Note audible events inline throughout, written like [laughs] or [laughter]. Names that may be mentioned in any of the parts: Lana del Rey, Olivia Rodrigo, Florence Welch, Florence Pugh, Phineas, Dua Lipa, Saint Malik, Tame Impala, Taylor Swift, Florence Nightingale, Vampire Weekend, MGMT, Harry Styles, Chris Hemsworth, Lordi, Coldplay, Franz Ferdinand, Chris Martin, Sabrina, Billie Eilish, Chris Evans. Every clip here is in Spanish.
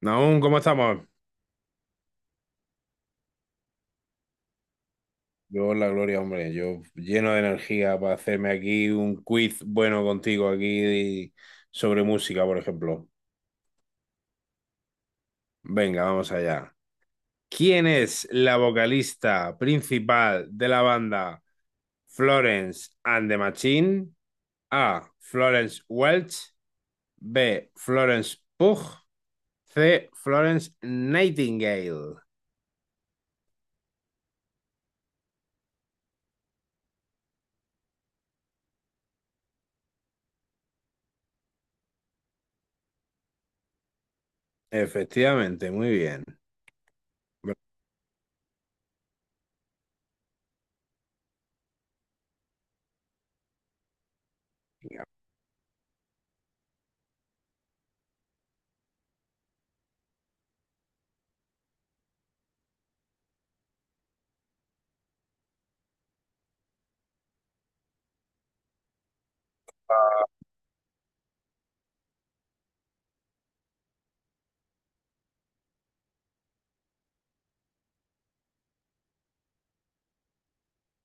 Naún, ¿cómo estamos? Yo, la gloria, hombre, yo lleno de energía para hacerme aquí un quiz bueno contigo aquí sobre música, por ejemplo. Venga, vamos allá. ¿Quién es la vocalista principal de la banda Florence and the Machine? A. Florence Welch. B. Florence Pugh. C. Florence Nightingale. Efectivamente, muy bien. Venga.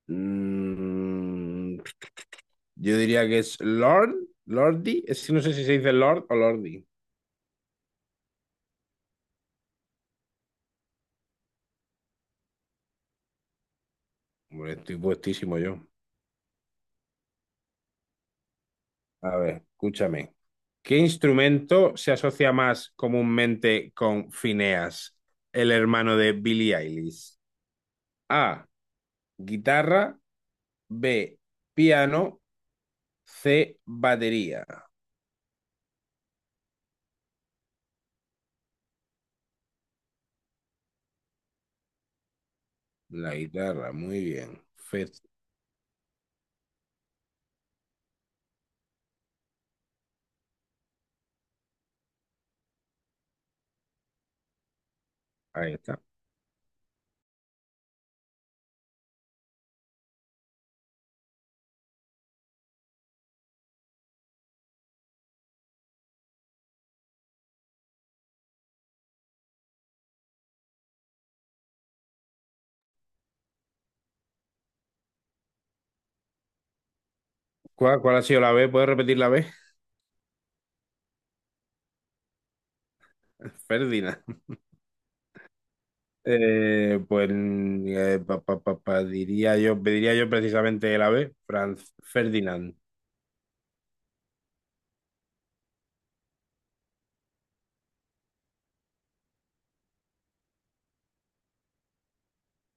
Mm, yo diría que es Lord, Lordi. Es que no sé si se dice Lord o Lordi. Hombre, estoy puestísimo yo. A ver, escúchame. ¿Qué instrumento se asocia más comúnmente con Phineas, el hermano de Billie Eilish? A, guitarra. B, piano. C, batería. La guitarra, muy bien. Ahí está. ¿Cuál ha sido la B? ¿Puedes repetir la B? [laughs] Ferdinand. Diría yo, pediría yo precisamente el ave, Franz Ferdinand.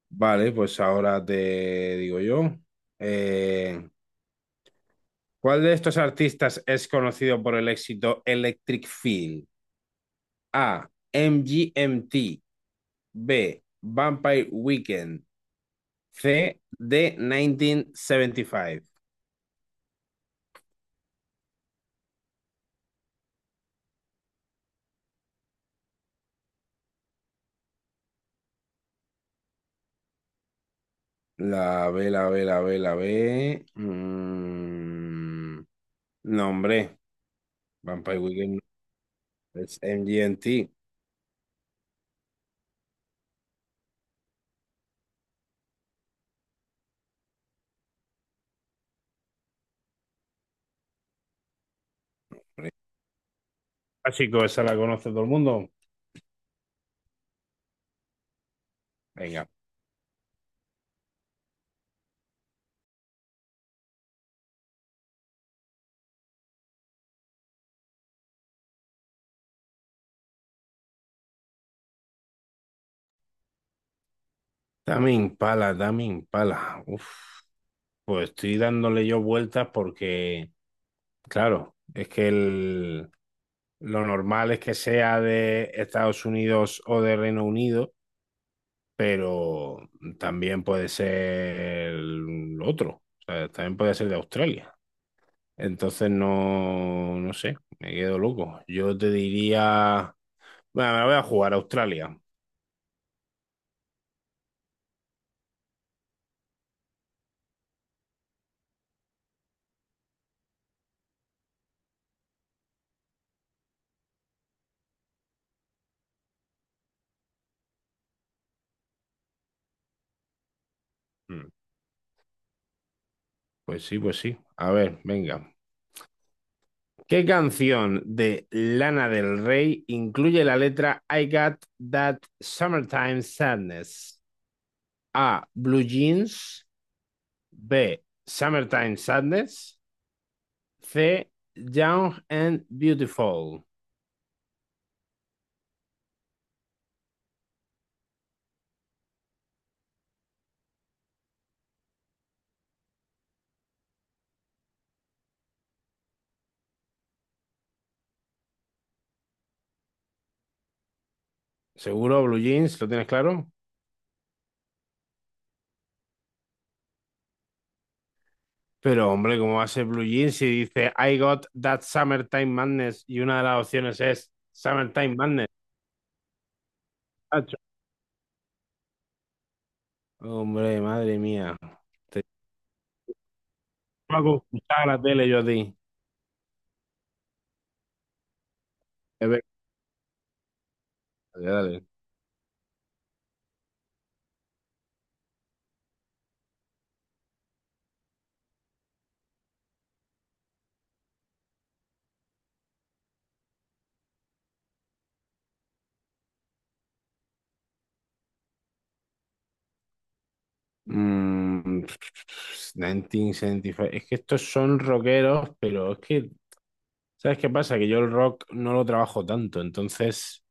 Vale, pues ahora te digo yo. Eh, ¿Cuál de estos artistas es conocido por el éxito Electric Feel? A. MGMT. B. Vampire Weekend. C. D. 1975. La B, la B, la B, la B. Mm, No, hombre. Vampire Weekend. Es M G MGMT. Ah, chicos, esa la conoce todo el mundo. Venga. Dame Impala, Dame Impala. Pues estoy dándole yo vueltas porque, claro, lo normal es que sea de Estados Unidos o de Reino Unido, pero también puede ser otro. O sea, también puede ser de Australia. Entonces no sé, me quedo loco. Yo te diría, bueno, me la voy a jugar a Australia. Mm. Pues sí, pues sí. A ver, venga. ¿Qué canción de Lana del Rey incluye la letra I Got That Summertime Sadness? A. Blue Jeans. B. Summertime Sadness. C. Young and Beautiful. Seguro, Blue Jeans, ¿lo tienes claro? Pero hombre, ¿cómo va a ser Blue Jeans si dice I Got That Summertime Madness y una de las opciones es Summertime Madness? ¿Macho? Hombre, madre mía. Me hago escuchar la tele yo a ti. Es verdad, dale. Mm, pff, 1975. Es que estos son rockeros, pero ¿sabes qué pasa? Que yo el rock no lo trabajo tanto, entonces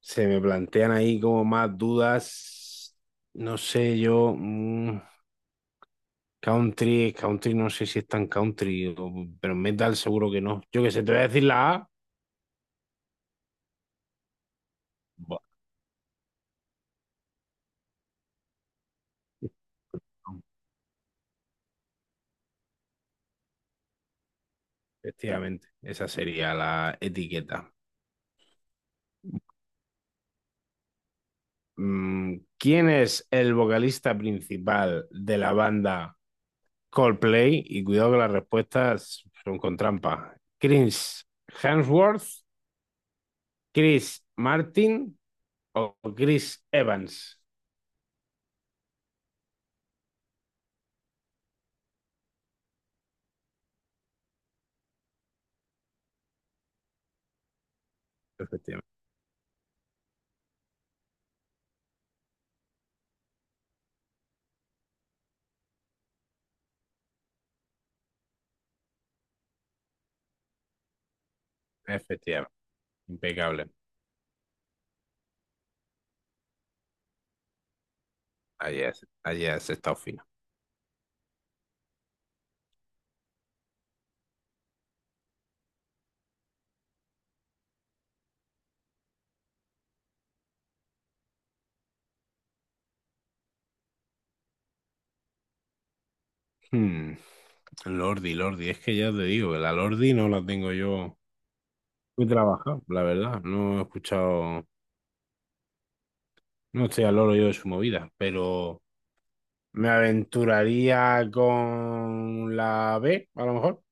se me plantean ahí como más dudas. No sé, country, country, no sé si es tan country, pero metal seguro que no. Yo qué sé, te voy a decir la A. Bueno, efectivamente, esa sería la etiqueta. ¿Quién es el vocalista principal de la banda Coldplay? Y cuidado que las respuestas son con trampa. ¿Chris Hemsworth, Chris Martin o Chris Evans? Efectivamente, efectivamente. Impecable. Allí has estado fino. Hmm, Lordi, Lordi, es que ya te digo que la Lordi no la tengo yo muy trabajada, la verdad. No he escuchado, no estoy al loro yo de su movida, pero me aventuraría con la B, a lo mejor.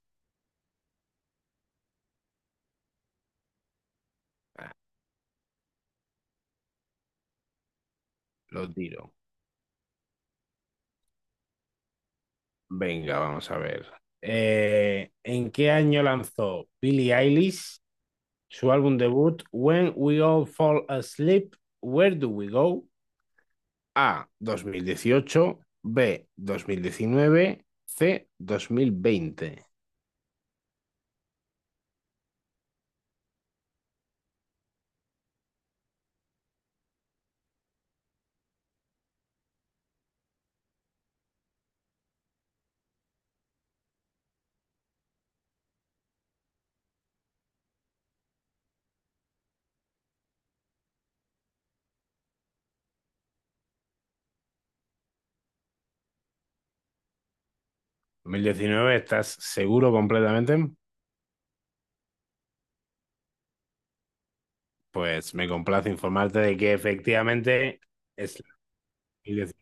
Lo tiro. Venga, vamos a ver. ¿En qué año lanzó Billie Eilish su álbum debut When We All Fall Asleep, Where Do We Go? A, 2018. B, 2019. C, 2020. ¿Dos mil diecinueve, estás seguro completamente? Pues me complace informarte de que efectivamente es la 2019.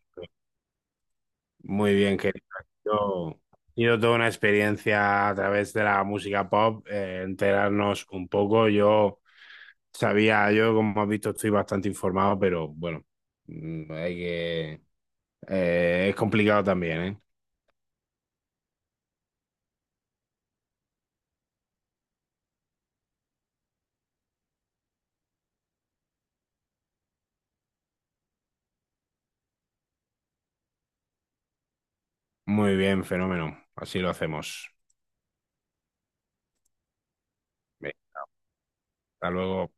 Muy bien, querido. Yo he sido toda una experiencia a través de la música pop, enterarnos un poco. Yo sabía, yo como has visto estoy bastante informado, pero bueno, hay que... es complicado también, ¿eh? Muy bien, fenómeno. Así lo hacemos. Bien, hasta luego.